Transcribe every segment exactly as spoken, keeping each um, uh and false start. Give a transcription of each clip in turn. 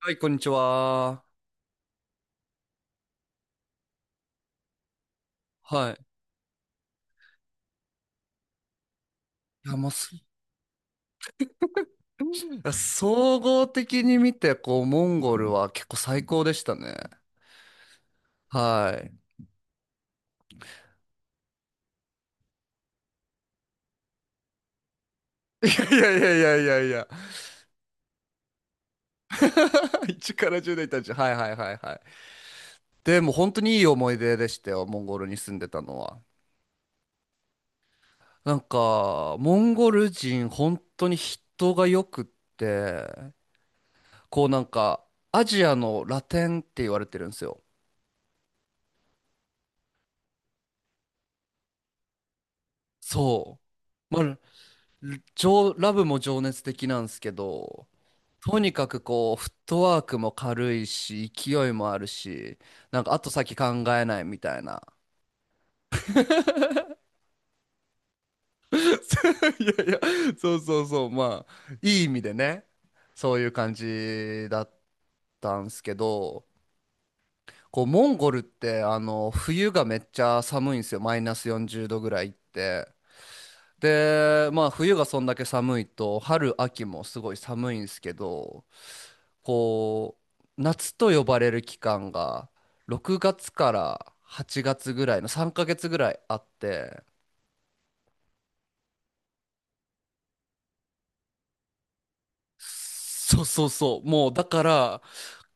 はい、こんにちは。はい。いや、もうす、いや総合的に見て、こう、モンゴルは結構最高でしたね。はい。いやいやいやいやいやいや。いちからじゅう代たち。はいはいはいはい。でも本当にいい思い出でしたよ、モンゴルに住んでたのは。なんか、モンゴル人、本当に人がよくって、こうなんか、アジアのラテンって言われてるんですよ。そう。まあ、情ラブも情熱的なんですけど、とにかくこう、フットワークも軽いし、勢いもあるし、なんか後先考えないみたいな。いやいや、そうそうそう、まあ、いい意味でね、そういう感じだったんすけど、こう、モンゴルって、あの、冬がめっちゃ寒いんですよ、マイナスよんじゅうどぐらいって。で、まあ、冬がそんだけ寒いと、春、秋もすごい寒いんですけど、こう、夏と呼ばれる期間が、ろくがつからはちがつぐらいのさんかげつぐらいあって、そうそうそう、もうだから、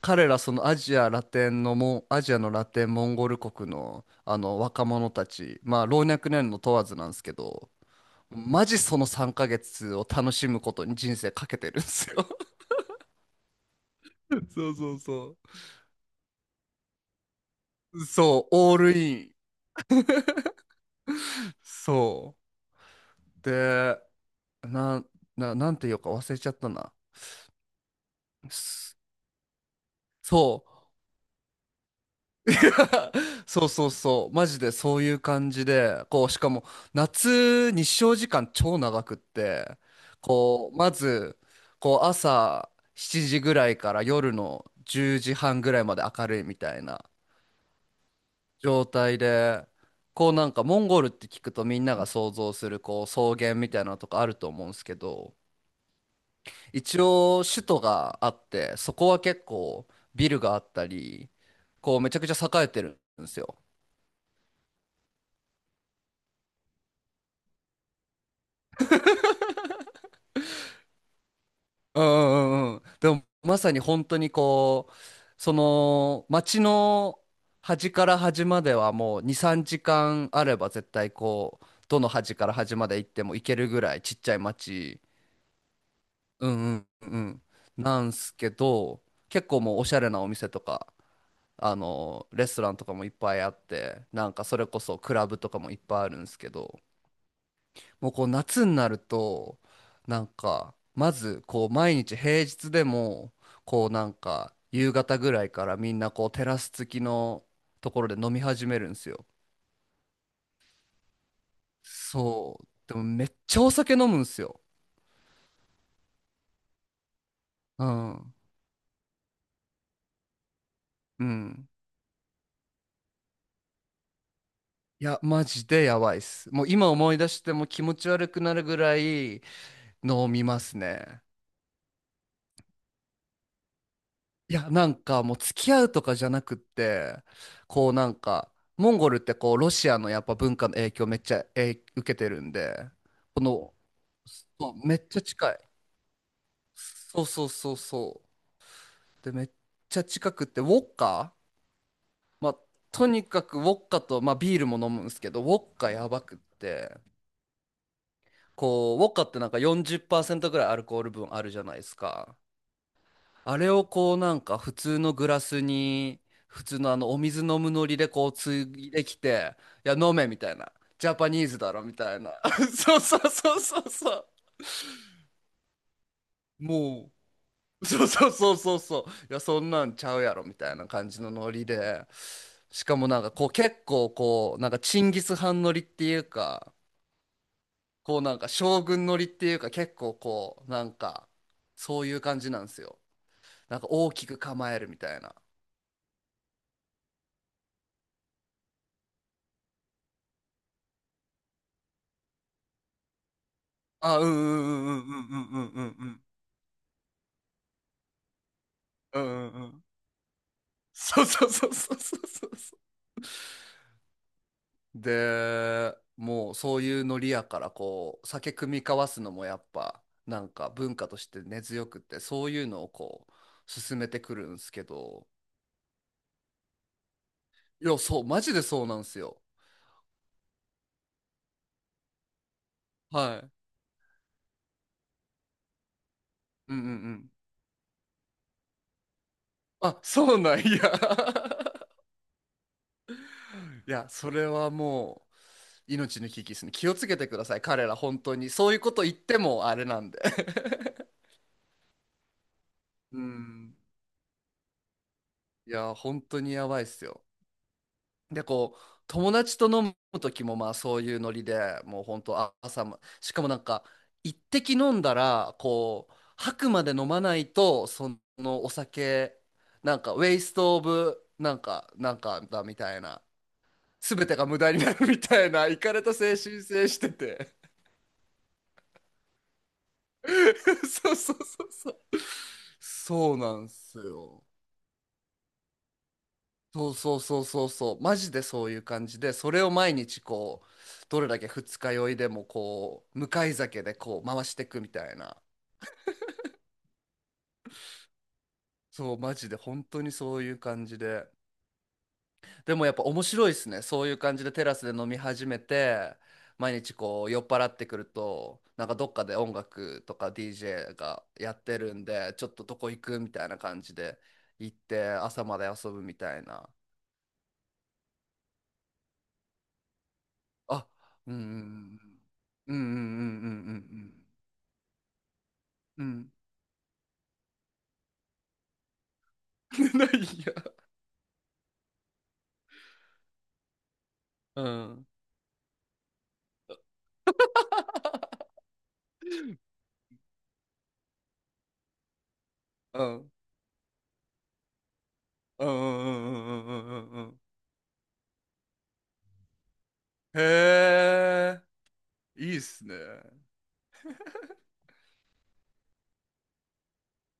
彼らそのアジアラテンのもアジアのラテン、モンゴル国のあの若者たち、まあ老若男女問わずなんですけど、マジそのさんかげつを楽しむことに人生かけてるんですよ。 そうそうそうそう、オールイン、そうで、な、な、なんていうか忘れちゃったな。す、そう。そうそうそう。マジでそういう感じで、こう、しかも夏日照時間超長くって、こう、まず、こう、朝しちじぐらいから夜のじゅうじはんぐらいまで明るいみたいな状態で、こうなんかモンゴルって聞くとみんなが想像するこう草原みたいなのとかあると思うんですけど、一応首都があってそこは結構ビルがあったり、こうめちゃくちゃ栄えてるんですよ。うんうんうんうん。でもまさに本当にこう、その街の端から端まではもうに、さんじかんあれば絶対こうどの端から端まで行っても行けるぐらいちっちゃい街、うんうんうん、なんすけど結構もうおしゃれなお店とかあのレストランとかもいっぱいあって、なんかそれこそクラブとかもいっぱいあるんですけど、もうこう夏になると、なんかまずこう毎日平日でも、こうなんか夕方ぐらいからみんなこうテラス付きのところで飲み始めるんですよ。そうでもめっちゃお酒飲むんですよ。うんうん、いやマジでやばいっす。もう今思い出しても気持ち悪くなるぐらい飲みますね。いや、なんかもう付き合うとかじゃなくって、こうなんか、モンゴルってこうロシアのやっぱ文化の影響めっちゃ、えー受けてるんで、この、そう、めっちゃ近い。そうそうそうそう。で、めっちゃ近くって、ウォッカ、まあ、とにかくウォッカと、まあビールも飲むんですけど、ウォッカやばくって、こう、ウォッカってなんかよんじゅっパーセントぐらいアルコール分あるじゃないですか。あれをこうなんか普通のグラスに普通のあのお水飲むノリでこうついできて、「いや飲め」みたいな、「ジャパニーズだろ」みたいな。 そうそうそうそうそう、もう、そうそうそうそうそう、いやそんなんちゃうやろみたいな感じのノリで、しかもなんかこう結構こうなんかチンギス・ハンノリっていうか、こうなんか将軍ノリっていうか、結構こうなんかそういう感じなんですよ、なんか大きく構えるみたいな。あ、うんうんうんうんうんうんうんうんうんうんうん。そうそうそうそうそうそうそう。で、もうそういうノリやからこう酒酌み交わすのもやっぱなんか文化として根強くって、そういうのをこう進めてくるんですけど、いや、そう、マジでそうなんですよ。はい。うんうんうん。あ、そうなんや。いや、それはもう命の危機ですね。気をつけてください。彼ら本当にそういうこと言ってもあれなんで。うん。いや、本当にやばいっすよ。で、こう、友達と飲む時も、まあ、そういうノリで、もう本当、あ朝ま、しかもなんか、一滴飲んだら、こう、吐くまで飲まないと、そのお酒、なんか、ウェイストオブ、なんか、なんかだみたいな、すべてが無駄になるみたいな、いかれた精神性してて。そうそうそうそう。そうなんすよ。そうそうそうそうそう、マジでそういう感じで、それを毎日こう、どれだけ二日酔いでもこう、向かい酒でこう回していくみたいな。そう、マジで本当にそういう感じで。でもやっぱ面白いですね。そういう感じでテラスで飲み始めて、毎日こう酔っ払ってくると、なんかどっかで音楽とか ディージェー がやってるんで、ちょっとどこ行くみたいな感じで行って朝まで遊ぶみたいな。あ、うんうんうんうんうんうんうんうんうんうん。うん。ないや。うん。うん。うんうんうんうんうんうんうんうん、へえ、いいっすね。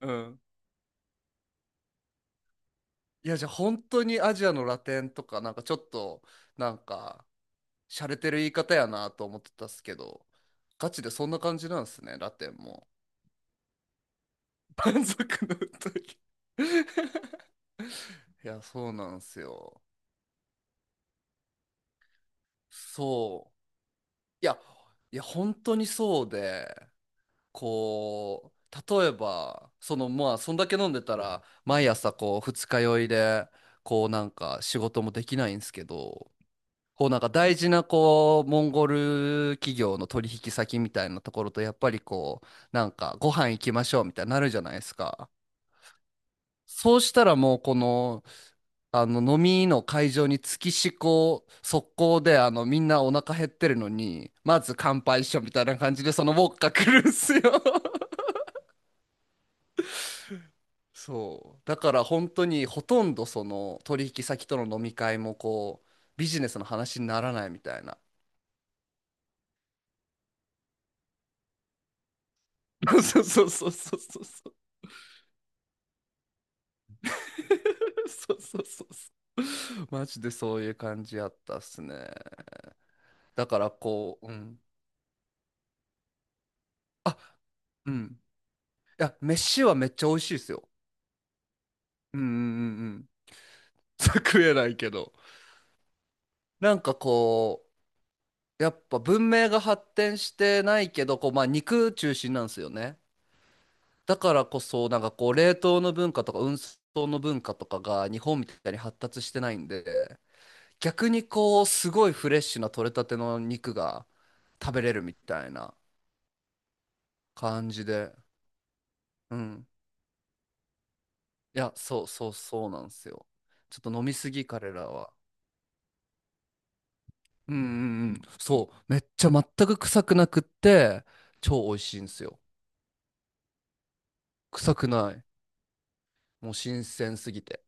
うん。いや、じゃあ本当にアジアのラテンとか、なんかちょっと、なんか、洒落てる言い方やなと思ってたっすけど、ガチでそんな感じなんですね、ラテンも。満足の歌い。 いや、そうなんすよ。そう。いや、いや、本当にそうで、こう例えばそのまあそんだけ飲んでたら毎朝こう二日酔いで、こうなんか仕事もできないんですけど、こうなんか大事なこうモンゴル企業の取引先みたいなところとやっぱりこう、なんかご飯行きましょうみたいになるじゃないですか。そうしたらもうこの、あの飲みの会場に月しこ速攻で、あのみんなお腹減ってるのにまず乾杯しようみたいな感じでそのウォッカ来るんすよ。そうだから本当にほとんどその取引先との飲み会もこうビジネスの話にならないみたいな。 そうそうそうそうそうそう。 そうそうそうそう、マジでそういう感じやったっすね。だからこう、うん、あ、うん、いや飯はめっちゃ美味しいですよ。うんうんうんうん。 食えないけど、なんかこうやっぱ文明が発展してないけど、こうまあ肉中心なんですよね。だからこそ、なんかこう、冷凍の文化とか運送の文化とかが日本みたいに発達してないんで、逆にこう、すごいフレッシュな取れたての肉が食べれるみたいな感じで、うん。いや、そうそうそうなんですよ。ちょっと飲みすぎ、彼らは。うんうんうん。そう。めっちゃ全く臭くなくって、超美味しいんですよ。臭くない。もう新鮮すぎて。